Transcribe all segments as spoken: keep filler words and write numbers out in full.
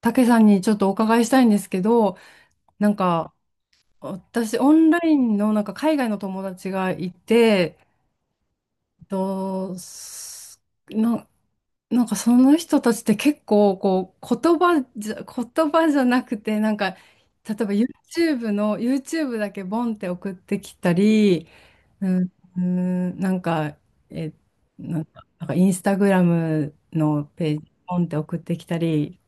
たけさんにちょっとお伺いしたいんですけど、なんか、私、オンラインの、なんか、海外の友達がいて、えっと、すな、なんか、その人たちって結構、こう、言葉じゃ、言葉じゃなくて、なんか、例えば YouTube の、YouTube だけボンって送ってきたり、うん、うんなんか、え、なんか、なんかインスタグラムのページ、ポンって送ってきたり、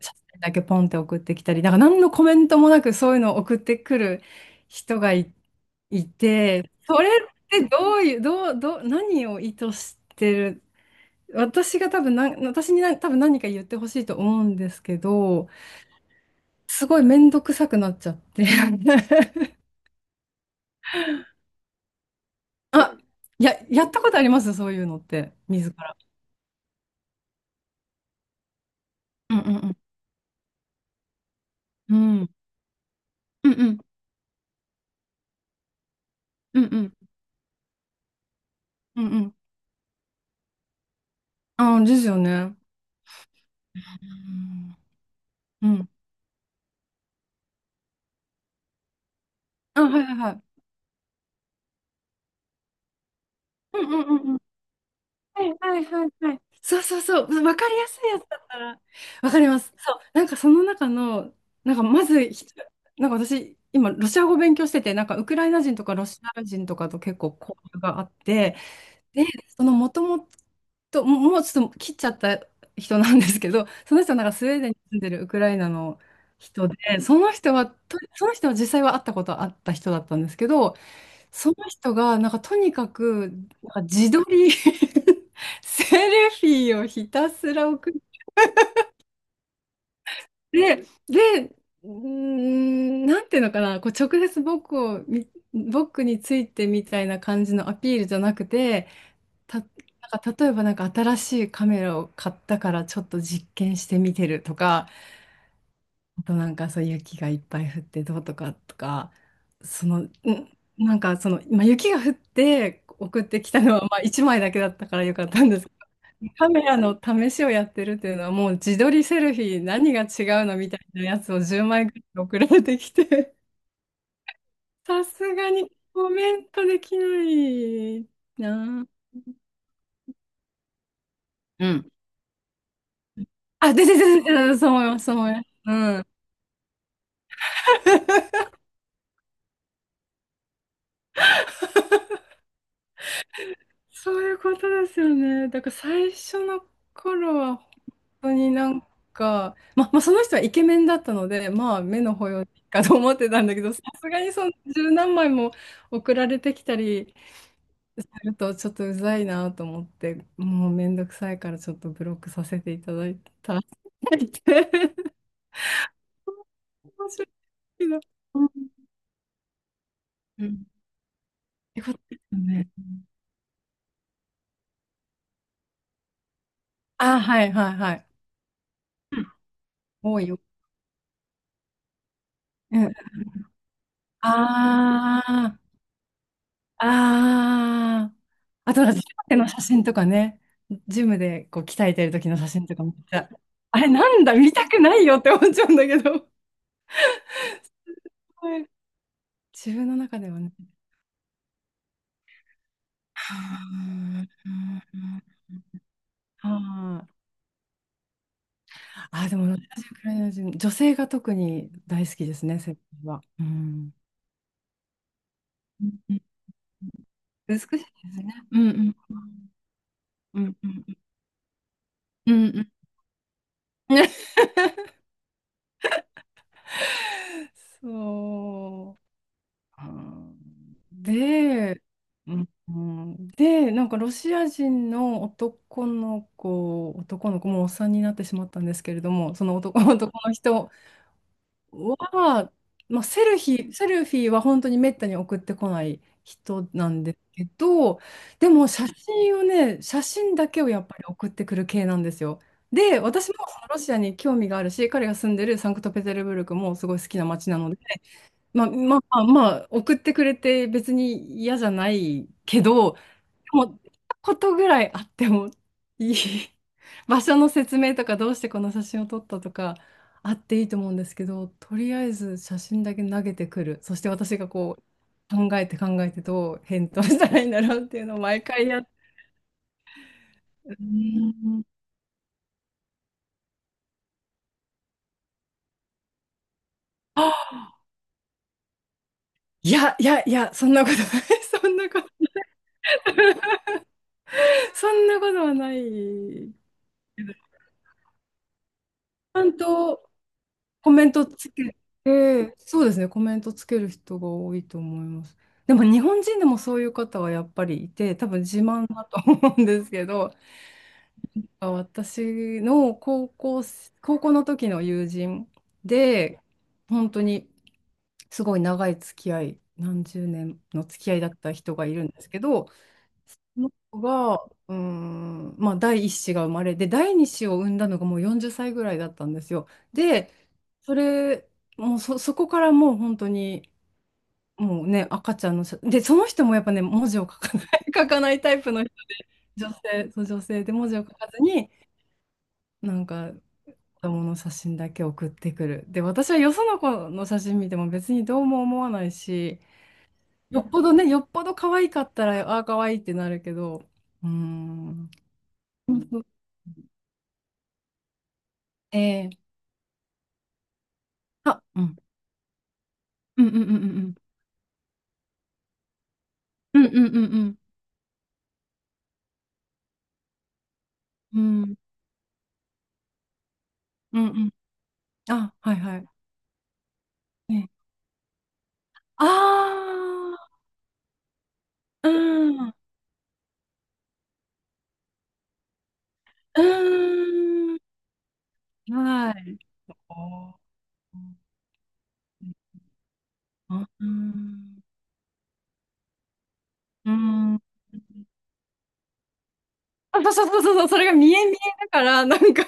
写真だけポンって送ってきたり、なんか何のコメントもなくそういうのを送ってくる人がい、いて、それってどういう、どう、どう、何を意図してる、私が多分な、私にな多分何か言ってほしいと思うんですけど、すごい面倒くさくなっちゃって。あ、や、やったことありますそういうのって、自ら。うんうんうん。うんうんうんうんうんうんうん。ああ、ですよね。うん。うん。あ、はいはいはい。うんうんうんうん。はいはいはいはい。そうそうそう。わかりやすいやつだったら。わかります。そう。なんかその中の、なんかまずひ、なんか私、今、ロシア語勉強してて、なんかウクライナ人とかロシア人とかと結構交流があって、で、そのもともと、ももうちょっと切っちゃった人なんですけど、その人はなんかスウェーデンに住んでるウクライナの人で、その人は、とその人は実際は会ったことあった人だったんですけど、その人が、なんかとにかく、なんか自撮り セルフィーをひたすら送って、で、うーん、なんていうのかな、こう直接僕をみ、僕についてみたいな感じのアピールじゃなくて、た、なんか例えばなんか新しいカメラを買ったからちょっと実験してみてるとか、あとなんかそう雪がいっぱい降ってどうとかとか、その、んなんかその、今雪が降って送ってきたのはまあいちまいだけだったからよかったんですけど、カメラの試しをやってるっていうのはもう自撮りセルフィー何が違うのみたいなやつをじゅうまいぐらい送られてきて、さすがにコメントできないな。ああ、で、で、で、で、でそう思います、そう思います。うん。そういうことですよね。だから最初の頃は本当になんか、まあ、まあその人はイケメンだったので、まあ目の保養かと思ってたんだけど、さすがにその十何枚も送られてきたりするとちょっとうざいなと思って、もうめんどくさいからちょっとブロックさせていただいた。面白いな。うんうん。ってことですよね。あ、はいはいはい。多いよ。うん。ああ。ああ。あと、なんかジムでの写真とかね、ジムでこう鍛えてる時の写真とかめっちゃ、あれなんだ、見たくないよって思っちゃうんだけど。はい、自分の中ではね。はあ。ああ、あーでも私はクライナージ女性が特に大好きですね、整形は。うん。うんうん、美しいですね。うんうんうんうんうんうんうんうんうん そう。あ、で、うん、うんで、なんかロシア人の男の子、男の子、もうおっさんになってしまったんですけれども、その男、男の人は、まあ、セルヒ、セルフィーは本当にめったに送ってこない人なんですけど、でも写真をね、写真だけをやっぱり送ってくる系なんですよ。で、私もそのロシアに興味があるし、彼が住んでるサンクトペテルブルクもすごい好きな街なので、まあ、まあ、まあ、送ってくれて別に嫌じゃないけど、でも、ことぐらいあってもいい。場所の説明とか、どうしてこの写真を撮ったとか、あっていいと思うんですけど、とりあえず写真だけ投げてくる。そして私がこう、考えて考えてどう返答したらいいんだろうっていうのを毎回やって。うん。 いや、いや、いや、そんなことない。そんなこと、そんなことはない。ちゃんとコメントつけて、そうですね、コメントつける人が多いと思います。でも日本人でもそういう方はやっぱりいて、多分自慢だと思うんですけど、私の高校、高校の時の友人で、本当にすごい長い付き合い、何十年の付き合いだった人がいるんですけど、の子が、うーん、まあ、第一子が生まれて、第二子を産んだのがもうよんじゅっさいぐらいだったんですよ。で、それ、もうそ、そこからもう本当に、もうね、赤ちゃんの写、で、その人もやっぱね、文字を書かない、書かないタイプの人女性、そう、女性で文字を書かずに、なんか、子供の写真だけ送ってくる。で、私はよその子の写真見ても別にどうも思わないし、よっぽどね、よっぽど可愛かったら、ああ、可愛いってなるけど、うーん。ええ、あ、うん。うんうんうんうんうん。うんうんうんうん。うんうんうん。あ、はいはい。ええ、ああ、うん。うん。はい。あー、うん。うん。あ、そうそうそうそう、それが見え見えだから、なんか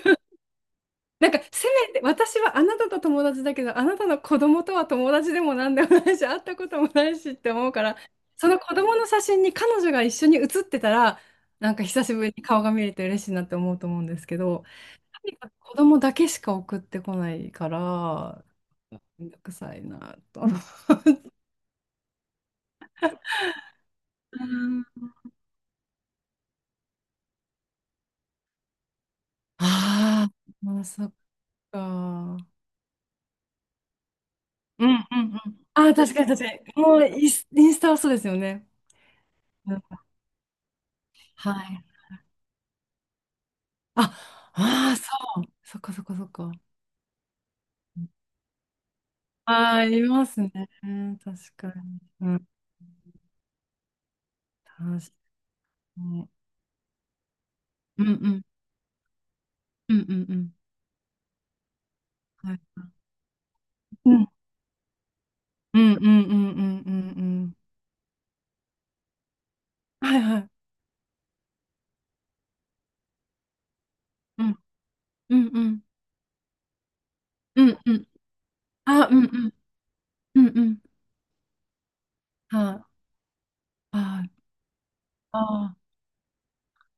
なんか、せめて、私はあなたと友達だけど、あなたの子供とは友達でもなんでもないし、会ったこともないしって思うから、その子供の写真に彼女が一緒に写ってたら、なんか久しぶりに顔が見れて嬉しいなって思うと思うんですけど、とにかく子供だけしか送ってこないから、めんどくさいなと。ああー、まあ、そっか。うんうんうん。ああ、確かに確かに。もうインス、インスタはそうですよね。うん。はい。あ、ああ、そっかそっかそっか。ああ、ありますね。うん、確かに。うん。確かに。うんうんうんうんうん。はい。うんうんうんうんうんうんうん。はいはい。うんうんうんうんうん。あ、うんうんうんうん。はい。ああ、あ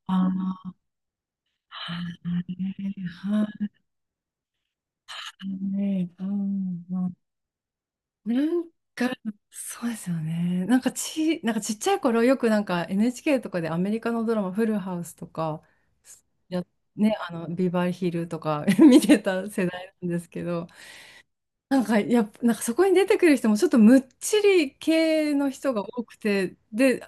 あ、ああ、はい。はい。はい。うんうん、なんか、そうですよね。なんかち、なんかちっちゃい頃よくなんか エヌエイチケー とかでアメリカのドラマ、フルハウスとか、や、ね、あの、ビバリーヒルとか 見てた世代なんですけど、なんかやっぱ、なんかそこに出てくる人もちょっとむっちり系の人が多くて、で、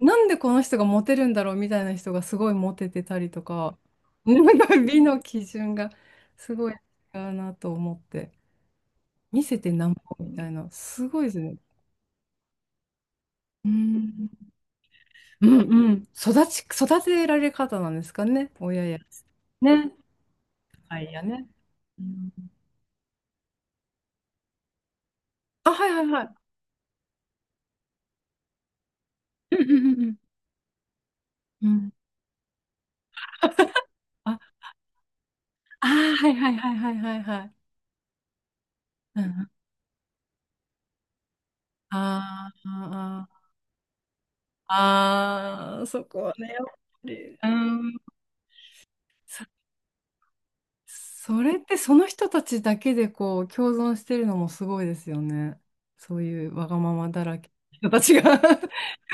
なんでこの人がモテるんだろうみたいな人がすごいモテてたりとか、なんか美の基準がすごい違うなと思って、見せてなんぼみたいな、すごいですね。うん、うんうん。育ち、育てられ方なんですかね、親や。ね。はいやね。うん、あ、はいはいはい。うんうんうんうん。うん、 あ、あー、はいはいはいはいはいはい。うん、あーあー、あーそこはね、やっぱり。うん。それってその人たちだけでこう共存してるのもすごいですよね。そういうわがままだらけの人たちが よ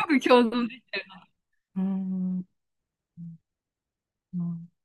く共存できてるな。うん。うん